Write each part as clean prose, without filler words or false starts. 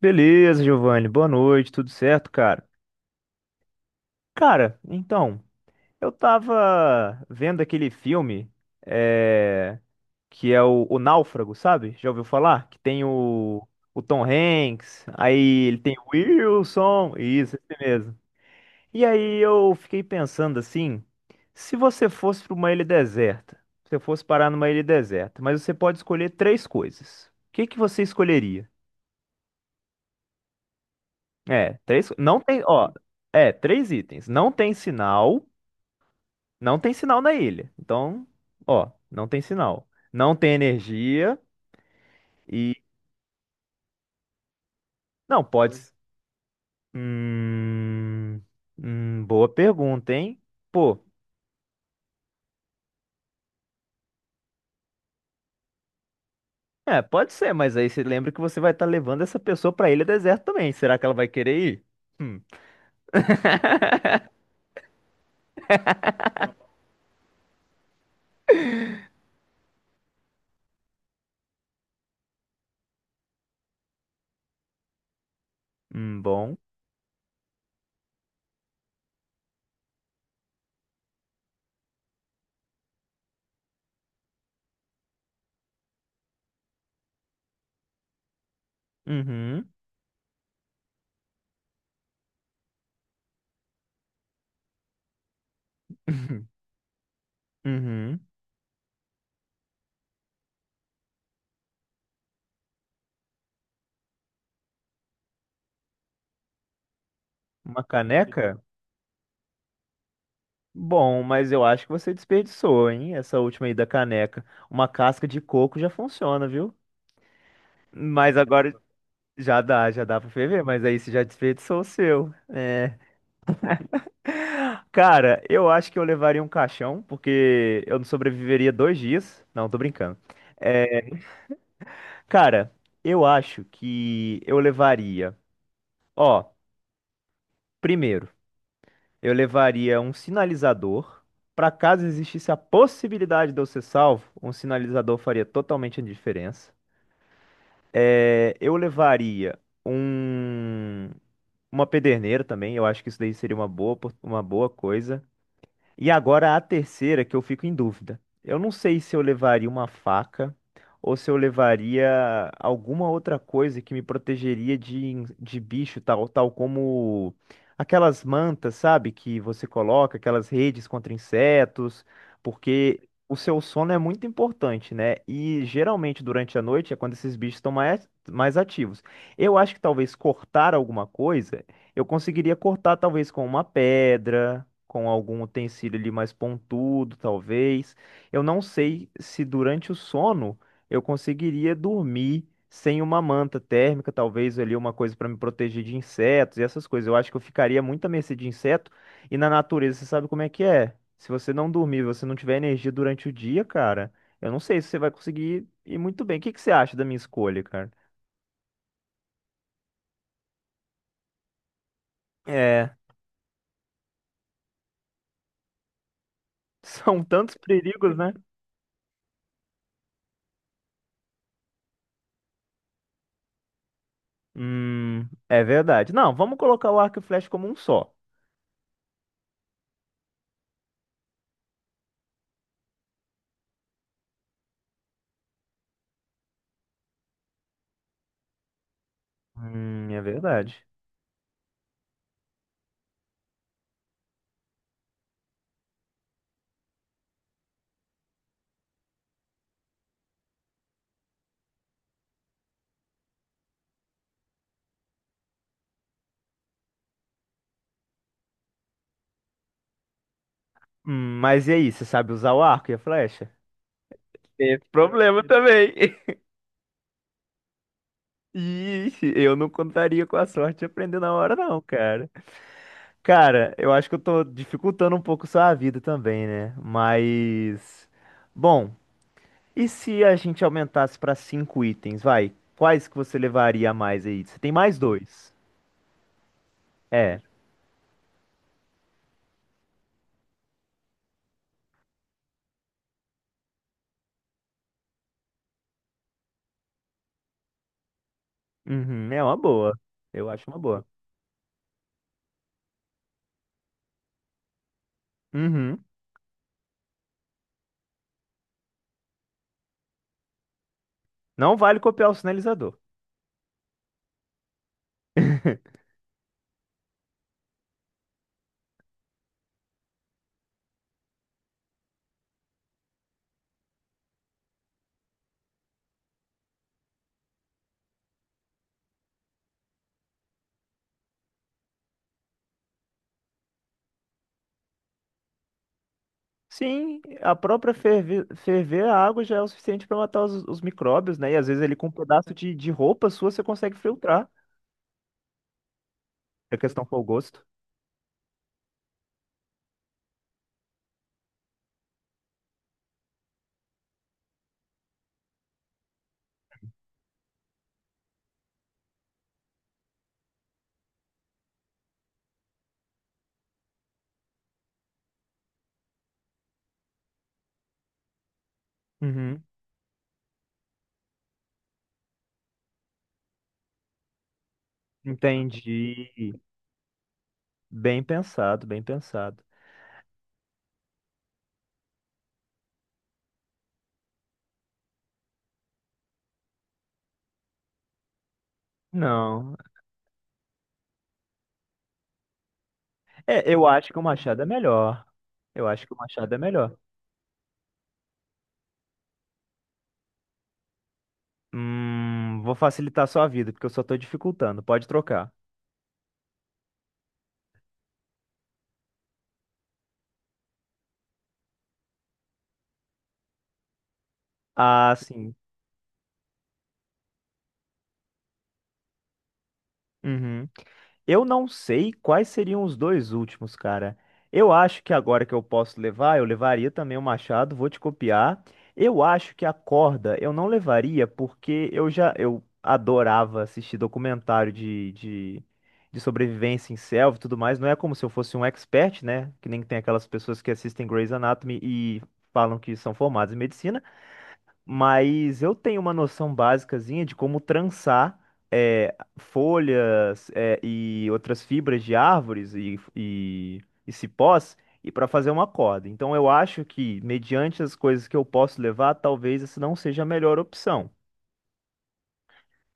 Beleza, Giovanni. Boa noite, tudo certo, cara? Cara, então, eu tava vendo aquele filme é, que é o Náufrago, sabe? Já ouviu falar? Que tem o Tom Hanks, aí ele tem o Wilson, isso, esse mesmo. E aí eu fiquei pensando assim, se você fosse para uma ilha deserta, se você fosse parar numa ilha deserta, mas você pode escolher três coisas. O que que você escolheria? É, três. Não tem, ó. É, três itens. Não tem sinal. Não tem sinal na ilha. Então, ó, não tem sinal. Não tem energia e. Não, pode. Hum, Boa pergunta, hein? Pô, é, pode ser, mas aí você lembra que você vai estar levando essa pessoa pra ilha deserta também. Será que ela vai querer ir? Hum, Bom. Uhum. Uhum. Uma caneca? Bom, mas eu acho que você desperdiçou, hein? Essa última aí da caneca. Uma casca de coco já funciona, viu? Mas agora já dá pra ferver, mas aí você já desperdiçou o seu. É. Cara, eu acho que eu levaria um caixão, porque eu não sobreviveria 2 dias. Não, tô brincando. É, cara, eu acho que eu levaria. Ó, primeiro, eu levaria um sinalizador. Pra caso existisse a possibilidade de eu ser salvo, um sinalizador faria totalmente a diferença. É, eu levaria um, uma pederneira também, eu acho que isso daí seria uma boa, uma boa coisa. E agora a terceira que eu fico em dúvida. Eu não sei se eu levaria uma faca ou se eu levaria alguma outra coisa que me protegeria de, de bicho, tal como aquelas mantas, sabe, que você coloca, aquelas redes contra insetos, porque o seu sono é muito importante, né? E geralmente durante a noite é quando esses bichos estão mais ativos. Eu acho que talvez cortar alguma coisa, eu conseguiria cortar talvez com uma pedra com algum utensílio ali mais pontudo, talvez. Eu não sei se durante o sono eu conseguiria dormir sem uma manta térmica, talvez ali uma coisa para me proteger de insetos e essas coisas. Eu acho que eu ficaria muito à mercê de inseto e na natureza você sabe como é que é. Se você não dormir, você não tiver energia durante o dia, cara, eu não sei se você vai conseguir ir muito bem. O que que você acha da minha escolha, cara? É, são tantos perigos, né? É verdade. Não, vamos colocar o arco e flecha como um só. É verdade. Mas e aí, você sabe usar o arco e a flecha? Teve problema também. Ixi, eu não contaria com a sorte de aprender na hora, não, cara. Cara, eu acho que eu tô dificultando um pouco sua vida também, né? Mas. Bom, e se a gente aumentasse pra cinco itens, vai? Quais que você levaria a mais aí? Você tem mais dois. É. Uhum, é uma boa. Eu acho uma boa. Uhum. Não vale copiar o sinalizador. Sim, a própria ferver, ferver a água já é o suficiente para matar os micróbios, né? E às vezes ele com um pedaço de roupa sua você consegue filtrar. A questão foi o gosto. Uhum. Entendi. Bem pensado, bem pensado. Não. É, eu acho que o machado é melhor. Eu acho que o machado é melhor. Vou facilitar a sua vida, porque eu só tô dificultando. Pode trocar. Ah, sim. Uhum. Eu não sei quais seriam os dois últimos, cara. Eu acho que agora que eu posso levar, eu levaria também o machado, vou te copiar. Eu acho que a corda eu não levaria porque eu já eu adorava assistir documentário de sobrevivência em selva e tudo mais. Não é como se eu fosse um expert, né? Que nem tem aquelas pessoas que assistem Grey's Anatomy e falam que são formadas em medicina mas eu tenho uma noção básicazinha de como trançar folhas, e outras fibras de árvores e cipós e para fazer uma corda. Então eu acho que, mediante as coisas que eu posso levar, talvez essa não seja a melhor opção.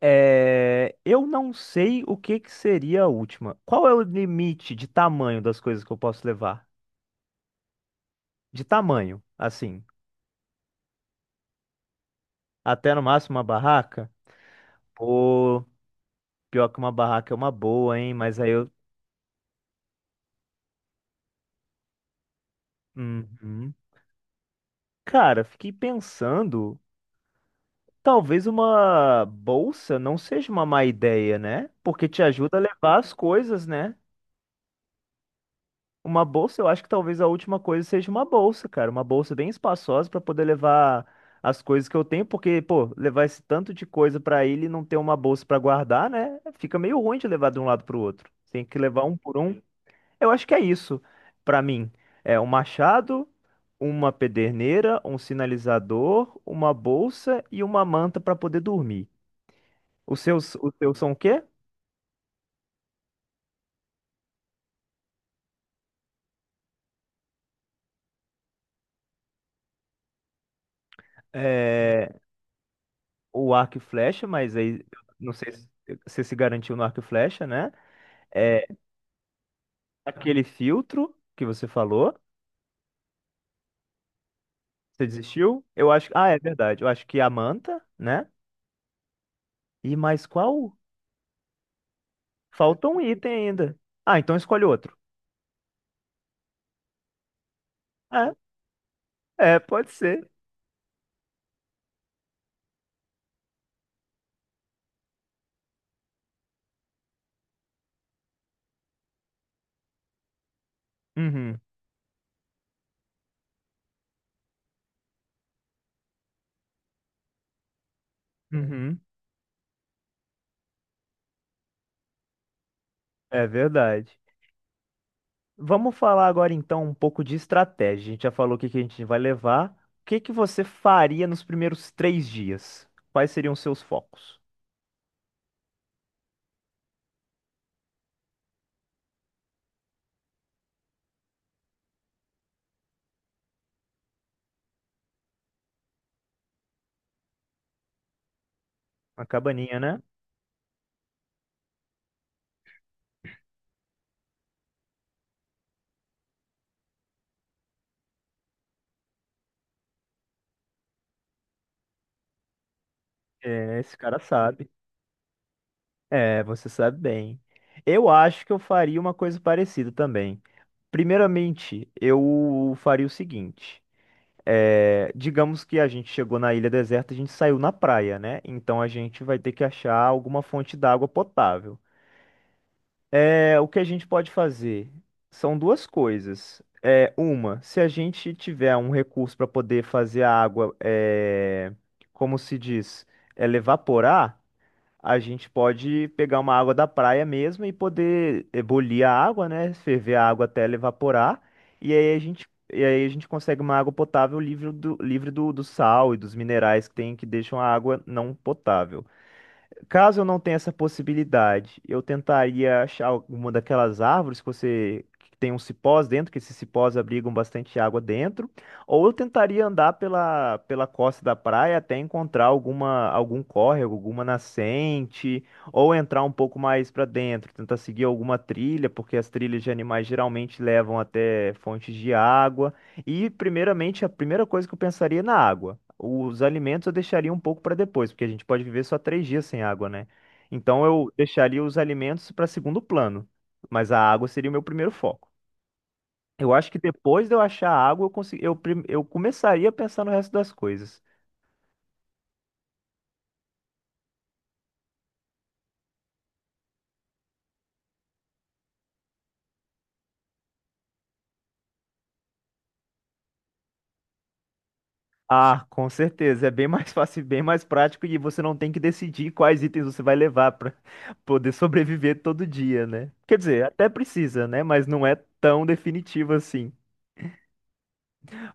É, eu não sei o que que seria a última. Qual é o limite de tamanho das coisas que eu posso levar? De tamanho, assim, até no máximo uma barraca? Pô, pior que uma barraca é uma boa, hein? Mas aí eu. Uhum. Cara, fiquei pensando, talvez uma bolsa não seja uma má ideia, né? Porque te ajuda a levar as coisas, né? Uma bolsa, eu acho que talvez a última coisa seja uma bolsa, cara, uma bolsa bem espaçosa para poder levar as coisas que eu tenho, porque, pô, levar esse tanto de coisa pra ele e não ter uma bolsa pra guardar, né? Fica meio ruim de levar de um lado pro outro. Tem que levar um por um. Eu acho que é isso pra mim. É um machado, uma pederneira, um sinalizador, uma bolsa e uma manta pra poder dormir. Os seus são o quê? É, o arco e flecha, mas aí eu não sei se você se garantiu no arco e flecha, né? É aquele filtro que você falou. Você desistiu? Eu acho. Ah, é verdade. Eu acho que a manta, né? E mais qual? Falta um item ainda. Ah, então escolhe outro. É, É, pode ser. Uhum. Uhum. É verdade. Vamos falar agora então um pouco de estratégia. A gente já falou o que que a gente vai levar. O que que você faria nos primeiros 3 dias? Quais seriam os seus focos? A cabaninha, né? É, esse cara sabe. É, você sabe bem. Eu acho que eu faria uma coisa parecida também. Primeiramente, eu faria o seguinte. É, digamos que a gente chegou na ilha deserta, a gente saiu na praia, né? Então a gente vai ter que achar alguma fonte d'água potável. É, o que a gente pode fazer são duas coisas. É, uma, se a gente tiver um recurso para poder fazer a água, é, como se diz, ela evaporar, a gente pode pegar uma água da praia mesmo e poder ebulir a água, né? Ferver a água até ela evaporar. E aí a gente consegue uma água potável livre do sal e dos minerais que tem que deixam a água não potável. Caso eu não tenha essa possibilidade, eu tentaria achar alguma daquelas árvores que você que tem uns cipós dentro, que esses cipós abrigam bastante água dentro, ou eu tentaria andar pela costa da praia até encontrar algum córrego, alguma nascente, ou entrar um pouco mais para dentro, tentar seguir alguma trilha, porque as trilhas de animais geralmente levam até fontes de água. E primeiramente, a primeira coisa que eu pensaria é na água. Os alimentos eu deixaria um pouco para depois, porque a gente pode viver só 3 dias sem água, né? Então eu deixaria os alimentos para segundo plano, mas a água seria o meu primeiro foco. Eu acho que depois de eu achar a água, eu, consegui, eu, prim- eu começaria a pensar no resto das coisas. Ah, com certeza, é bem mais fácil, e bem mais prático e você não tem que decidir quais itens você vai levar para poder sobreviver todo dia, né? Quer dizer, até precisa, né? Mas não é tão definitivo assim.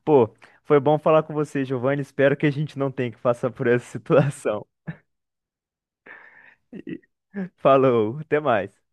Pô, foi bom falar com você, Giovanni. Espero que a gente não tenha que passar por essa situação. Falou, até mais.